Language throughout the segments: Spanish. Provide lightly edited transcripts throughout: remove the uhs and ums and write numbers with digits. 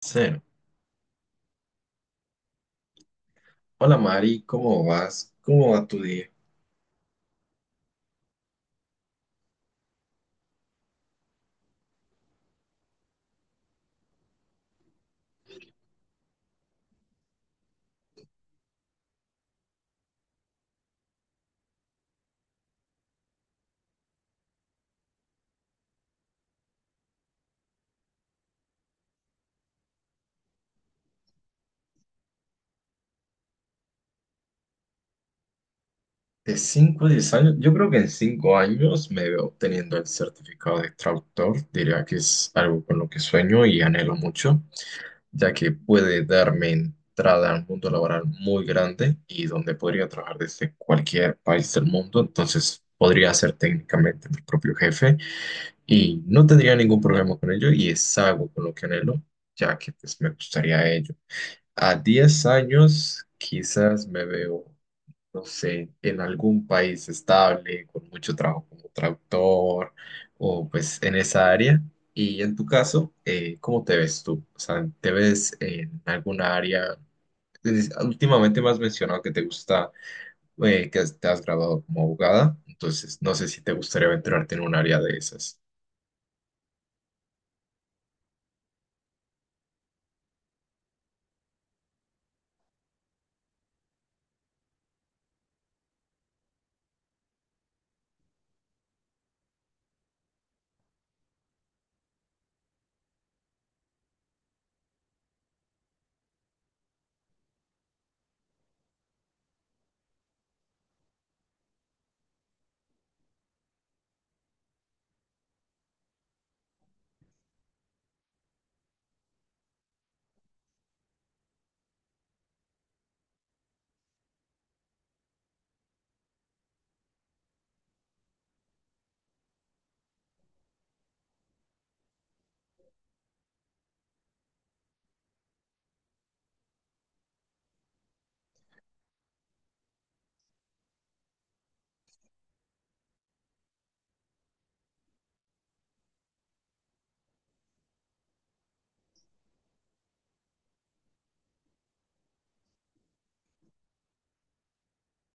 Cero. Hola Mari, ¿cómo vas? ¿Cómo va tu día? De 5 a 10 años, yo creo que en 5 años me veo obteniendo el certificado de traductor. Diría que es algo con lo que sueño y anhelo mucho, ya que puede darme entrada a un mundo laboral muy grande y donde podría trabajar desde cualquier país del mundo. Entonces podría ser técnicamente mi propio jefe y no tendría ningún problema con ello y es algo con lo que anhelo, ya que pues, me gustaría ello. A 10 años quizás me veo, no sé, en algún país estable, con mucho trabajo como traductor o pues en esa área. Y en tu caso, ¿cómo te ves tú? O sea, ¿te ves en alguna área? Últimamente me has mencionado que te gusta, te has graduado como abogada, entonces no sé si te gustaría aventurarte en un área de esas.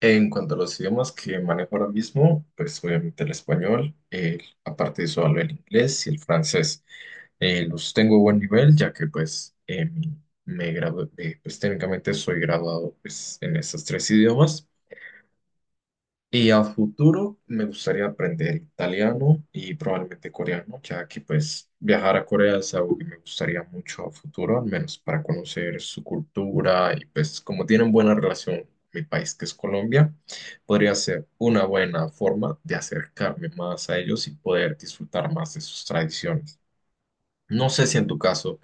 En cuanto a los idiomas que manejo ahora mismo, pues obviamente el español, aparte de eso hablo el inglés y el francés. Los tengo a buen nivel, ya que pues me gradué, pues técnicamente soy graduado pues, en esos tres idiomas. Y a futuro me gustaría aprender italiano y probablemente coreano, ya que pues viajar a Corea es algo que me gustaría mucho a futuro, al menos para conocer su cultura y pues como tienen buena relación mi país que es Colombia, podría ser una buena forma de acercarme más a ellos y poder disfrutar más de sus tradiciones. No sé si en tu caso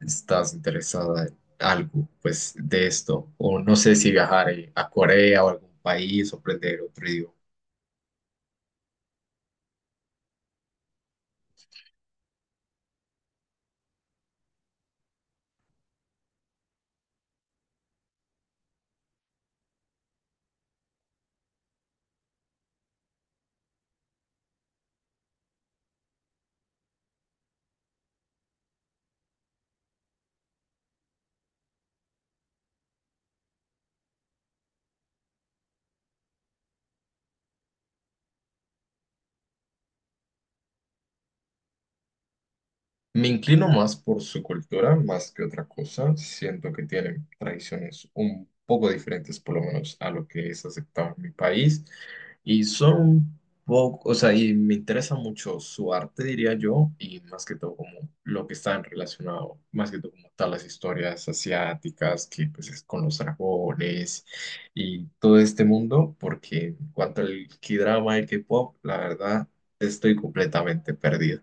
estás interesada en algo pues de esto o no sé si viajar a Corea o algún país o aprender otro idioma. Me inclino más por su cultura, más que otra cosa. Siento que tienen tradiciones un poco diferentes, por lo menos a lo que es aceptado en mi país. Y son un poco, o sea, y me interesa mucho su arte, diría yo, y más que todo como lo que está relacionado, más que todo como tal las historias asiáticas, que pues es con los dragones y todo este mundo, porque en cuanto al K-drama y K-pop, la verdad, estoy completamente perdido.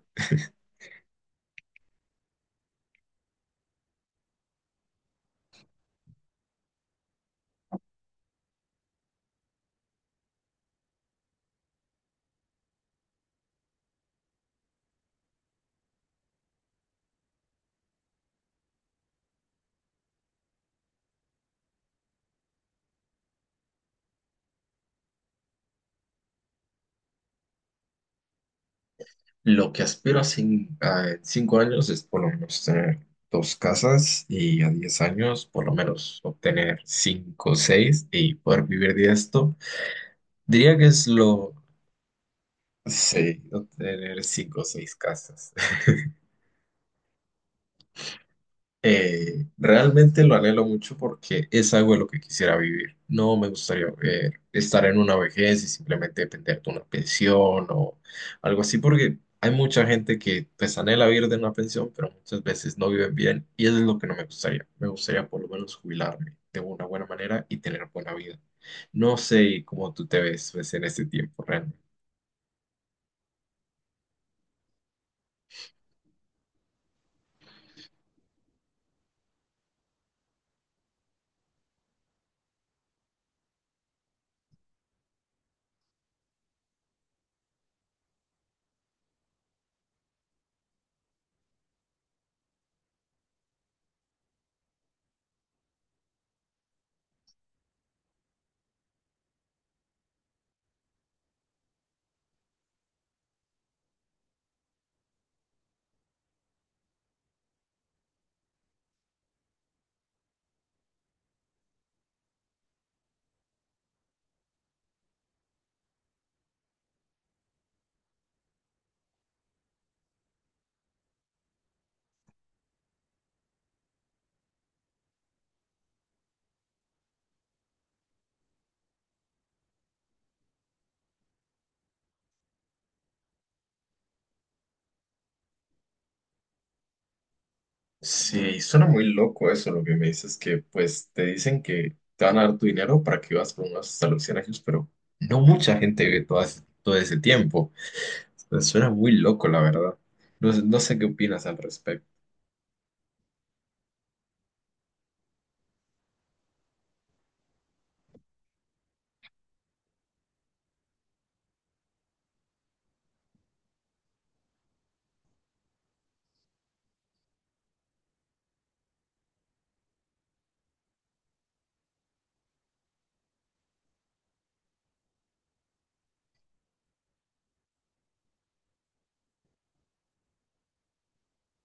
Lo que aspiro a, en 5 años es por lo menos tener dos casas y a 10 años por lo menos obtener cinco o seis y poder vivir de esto. Diría que es lo. Sí, obtener cinco o seis casas. Realmente lo anhelo mucho porque es algo de lo que quisiera vivir. No me gustaría estar en una vejez y simplemente depender de una pensión o algo así, porque hay mucha gente que pues anhela vivir de una pensión, pero muchas veces no viven bien y eso es lo que no me gustaría. Me gustaría por lo menos jubilarme de una buena manera y tener buena vida. No sé cómo tú te ves pues, en este tiempo, realmente. Sí, suena muy loco eso, lo que me dices, que pues te dicen que te van a dar tu dinero para que vivas por unos hasta los 100 años, pero no mucha gente vive todo, todo ese tiempo. Entonces, suena muy loco, la verdad. No sé qué opinas al respecto.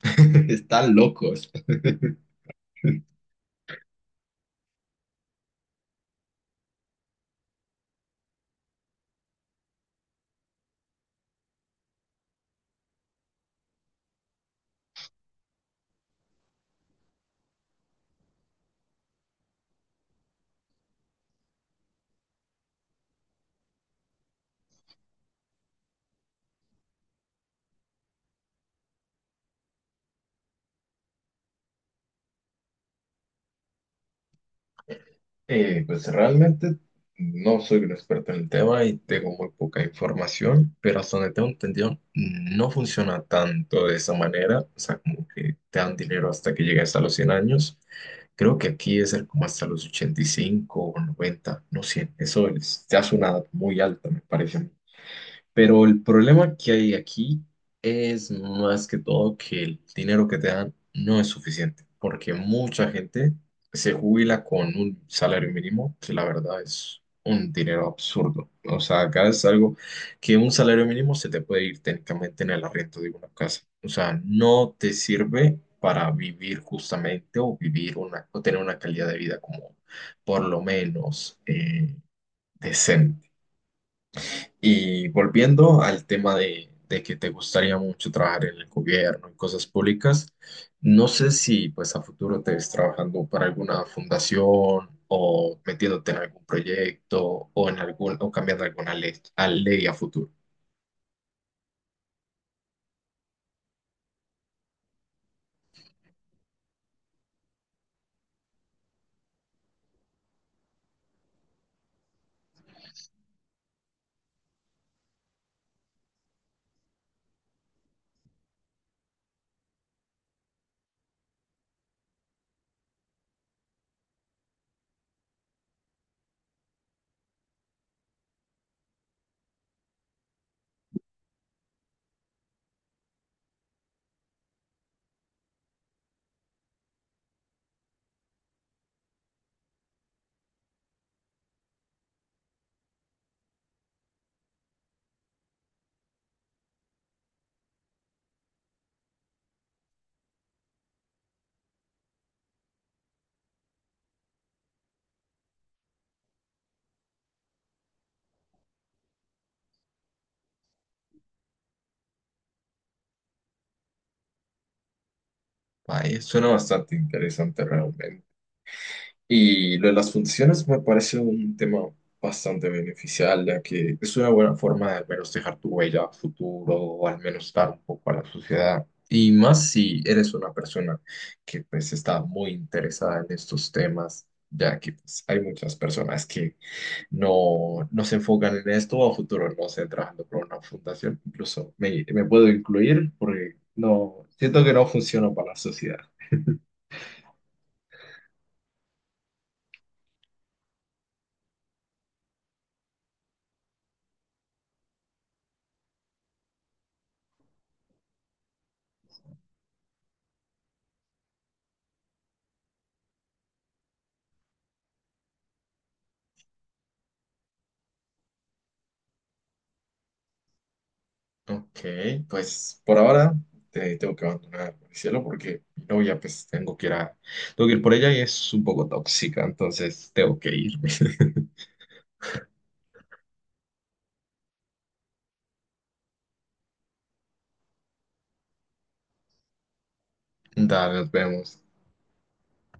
Está loco. Pues realmente no soy un experto en el tema y tengo muy poca información, pero hasta donde tengo entendido no funciona tanto de esa manera, o sea, como que te dan dinero hasta que llegues a los 100 años. Creo que aquí es como hasta los 85 o 90 no 100 eso es, ya es una edad muy alta, me parece. Pero el problema que hay aquí es más que todo que el dinero que te dan no es suficiente, porque mucha gente se jubila con un salario mínimo, que la verdad es un dinero absurdo. O sea, acá es algo que un salario mínimo se te puede ir técnicamente en el arriendo de una casa. O sea, no te sirve para vivir justamente o vivir una, o tener una calidad de vida como por lo menos decente. Y volviendo al tema de que te gustaría mucho trabajar en el gobierno, en cosas públicas, no sé si pues a futuro te ves trabajando para alguna fundación o metiéndote en algún proyecto o en algún o cambiando alguna ley a ley a futuro. Ay, suena bastante interesante realmente. Y lo de las funciones me parece un tema bastante beneficial, ya que es una buena forma de al menos dejar tu huella a futuro o al menos dar un poco a la sociedad. Y más si eres una persona que pues está muy interesada en estos temas, ya que pues, hay muchas personas que no, no se enfocan en esto o a futuro no se trabajando por una fundación. Incluso me puedo incluir porque no, siento que no funciona para la sociedad. Ok, pues por ahora te tengo que abandonar, cielo porque mi novia, pues tengo que ir por ella y es un poco tóxica, entonces tengo que irme. Dale, nos vemos.